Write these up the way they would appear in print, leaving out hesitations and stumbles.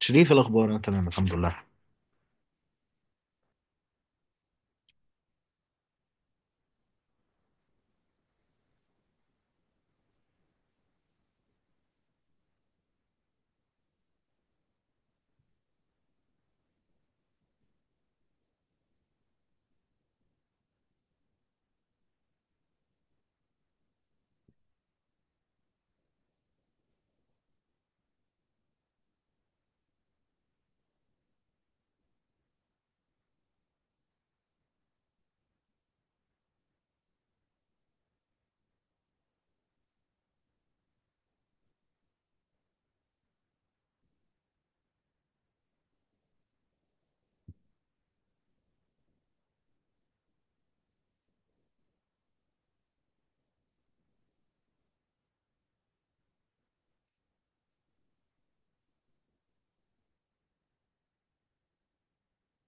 شريف، إيه الأخبار؟ أنا تمام الحمد لله.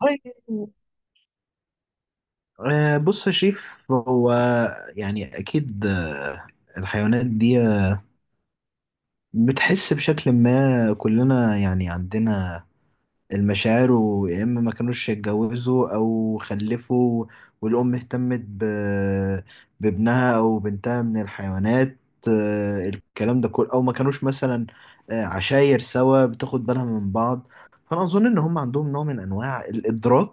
طيب، بص يا شريف، هو يعني أكيد، الحيوانات دي بتحس بشكل ما، كلنا يعني عندنا المشاعر، ويا إما ما كانوش يتجوزوا أو خلفوا، والأم اهتمت بابنها أو بنتها من الحيوانات. الكلام ده كله، أو ما كانوش مثلا عشاير سوا بتاخد بالها من بعض. فأنا أظن إن هم عندهم نوع من أنواع الإدراك،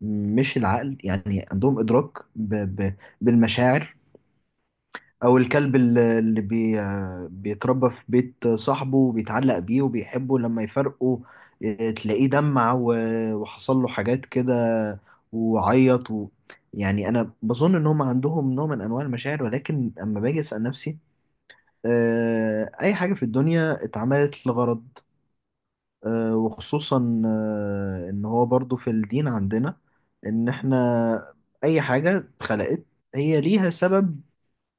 مش العقل، يعني عندهم إدراك ب... ب... بالمشاعر. أو الكلب اللي بيتربى في بيت صاحبه وبيتعلق بيه وبيحبه، لما يفرقوا اه، تلاقيه دمع وحصل له حاجات كده، وعيط يعني أنا بظن إن هم عندهم نوع من أنواع المشاعر، ولكن أما باجي أسأل نفسي، اه، أي حاجة في الدنيا اتعملت لغرض، وخصوصا ان هو برضو في الدين عندنا ان احنا اي حاجة اتخلقت هي ليها سبب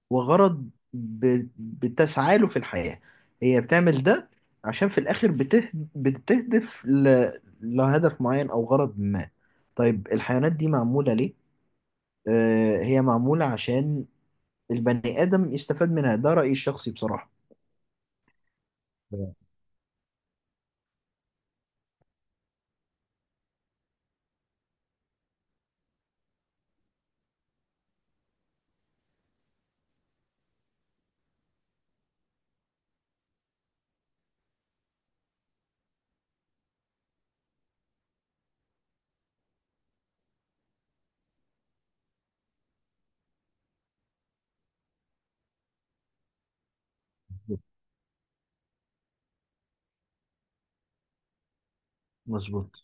وغرض، بتسعى له في الحياة. هي بتعمل ده عشان في الاخر بتهدف لهدف معين او غرض ما. طيب، الحيوانات دي معمولة ليه؟ هي معمولة عشان البني آدم يستفاد منها، ده رأيي الشخصي بصراحة. مظبوط. مظبوط.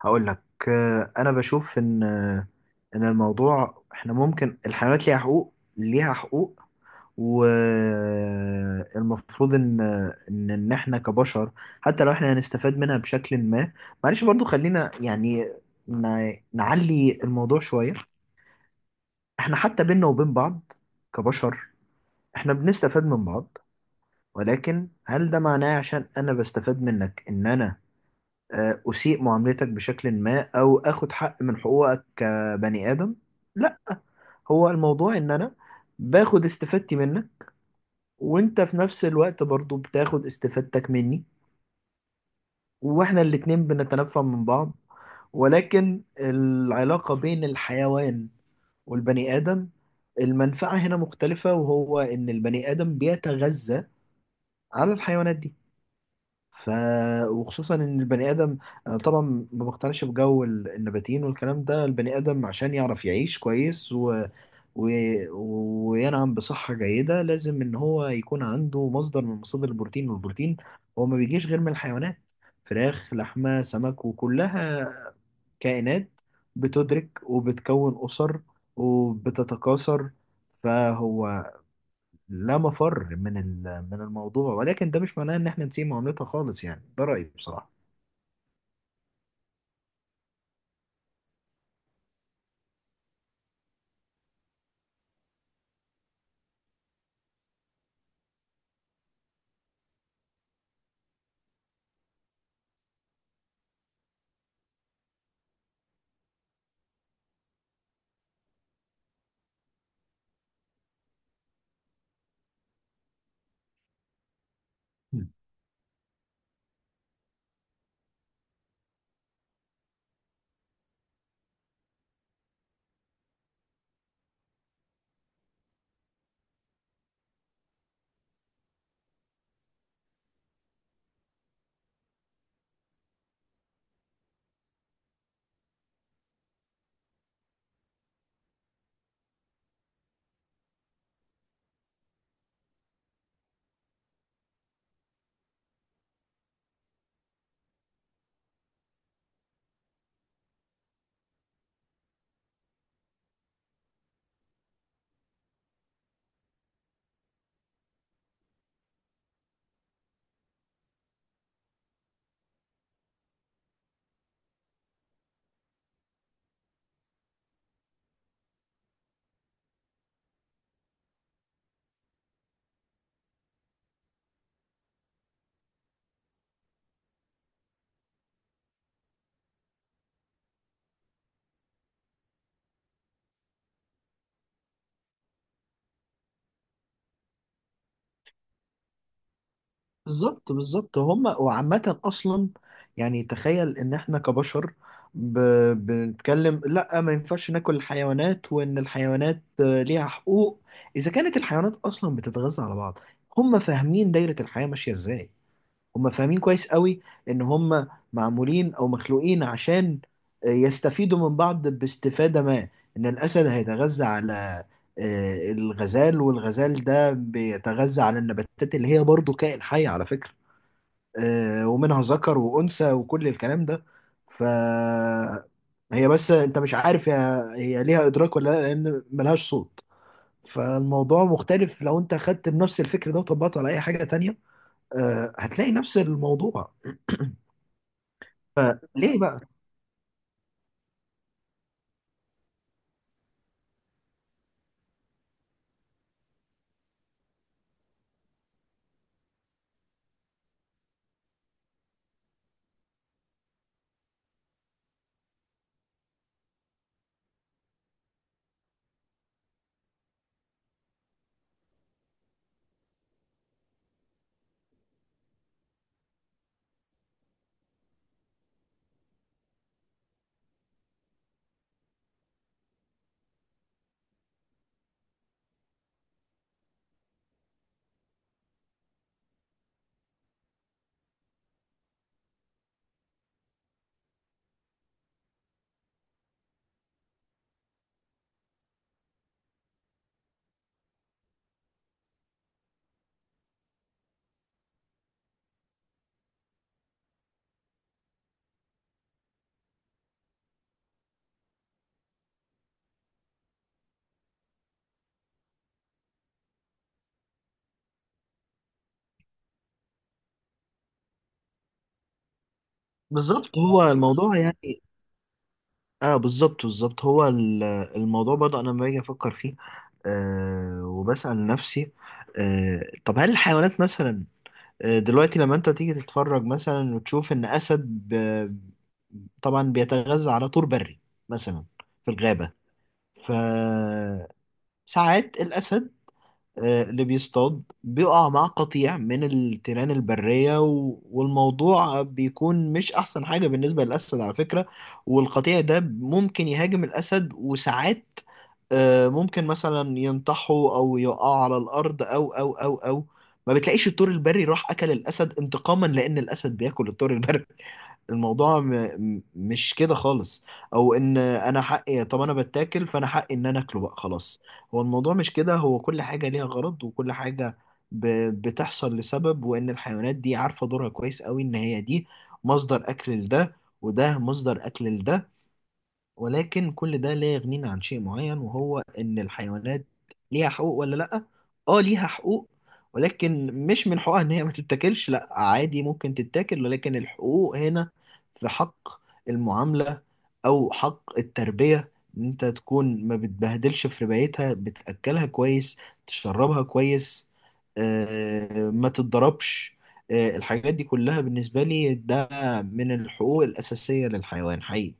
هقول لك. انا بشوف ان الموضوع، احنا ممكن الحيوانات ليها حقوق، ليها حقوق. والمفروض ان احنا كبشر، حتى لو احنا هنستفاد منها بشكل ما، معلش برضو خلينا يعني نعلي الموضوع شوية. احنا حتى بينا وبين بعض كبشر، احنا بنستفاد من بعض. ولكن هل ده معناه، عشان انا بستفاد منك، ان انا أسيء معاملتك بشكل ما أو أخد حق من حقوقك كبني آدم؟ لا. هو الموضوع إن أنا باخد استفادتي منك، وأنت في نفس الوقت برضو بتاخد استفادتك مني، وإحنا الاتنين بنتنفع من بعض. ولكن العلاقة بين الحيوان والبني آدم، المنفعة هنا مختلفة، وهو إن البني آدم بيتغذى على الحيوانات دي. ف وخصوصا ان البني ادم، انا طبعا ما بقتنعش بجو النباتيين والكلام ده. البني ادم عشان يعرف يعيش كويس و... وينعم بصحة جيدة، لازم ان هو يكون عنده مصدر من مصادر البروتين، والبروتين هو ما بيجيش غير من الحيوانات. فراخ، لحمة، سمك، وكلها كائنات بتدرك وبتكون أسر وبتتكاثر. فهو لا مفر من من الموضوع، ولكن ده مش معناه ان احنا نسيب معاملتها خالص، يعني ده رأيي بصراحة. مم. بالظبط، بالظبط. هما وعامة أصلا، يعني تخيل إن إحنا كبشر ب... بنتكلم لأ، ما ينفعش ناكل الحيوانات وإن الحيوانات ليها حقوق. إذا كانت الحيوانات أصلا بتتغذى على بعض، هما فاهمين دايرة الحياة ماشية إزاي. هم فاهمين كويس قوي ان هم معمولين او مخلوقين عشان يستفيدوا من بعض باستفادة ما. ان الاسد هيتغذى على الغزال، والغزال ده بيتغذى على النباتات اللي هي برضو كائن حي على فكرة. ومنها ذكر وانثى وكل الكلام ده. ف هي بس انت مش عارف، هي ليها ادراك ولا لا، لان ملهاش صوت. فالموضوع مختلف لو انت خدت بنفس الفكر ده وطبقته على اي حاجة تانية، هتلاقي نفس الموضوع. ليه بقى؟ بالظبط، هو الموضوع يعني، اه بالظبط، بالظبط، هو الموضوع برضه انا لما باجي افكر فيه، وبسأل نفسي، طب هل الحيوانات مثلا دلوقتي لما انت تيجي تتفرج مثلا وتشوف ان اسد طبعا بيتغذى على طور بري مثلا في الغابة. فساعات الاسد، اللي بيصطاد، بيقع مع قطيع من التيران البرية، والموضوع بيكون مش أحسن حاجة بالنسبة للأسد على فكرة. والقطيع ده ممكن يهاجم الأسد، وساعات ممكن مثلا ينطحه أو يقع على الأرض أو أو أو أو ما بتلاقيش الطور البري راح أكل الأسد انتقاما لأن الأسد بياكل الطور البري. الموضوع مش كده خالص. او ان انا حقي، طب انا بتاكل فانا حقي ان انا اكله بقى خلاص. هو الموضوع مش كده. هو كل حاجة ليها غرض، وكل حاجة ب... بتحصل لسبب، وان الحيوانات دي عارفة دورها كويس قوي، ان هي دي مصدر اكل لده، وده مصدر اكل لده. ولكن كل ده لا يغنينا عن شيء معين، وهو ان الحيوانات ليها حقوق ولا لا؟ اه، ليها حقوق. ولكن مش من حقوقها ان هي ما تتاكلش، لا عادي، ممكن تتاكل، ولكن الحقوق هنا في حق المعاملة، او حق التربية، ان انت تكون ما بتبهدلش في ربايتها، بتاكلها كويس، تشربها كويس، ما تتضربش. الحاجات دي كلها بالنسبة لي ده من الحقوق الأساسية للحيوان حقيقي.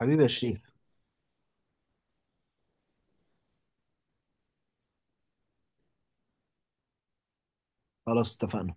حبيبي يا شريف. خلاص، اتفقنا.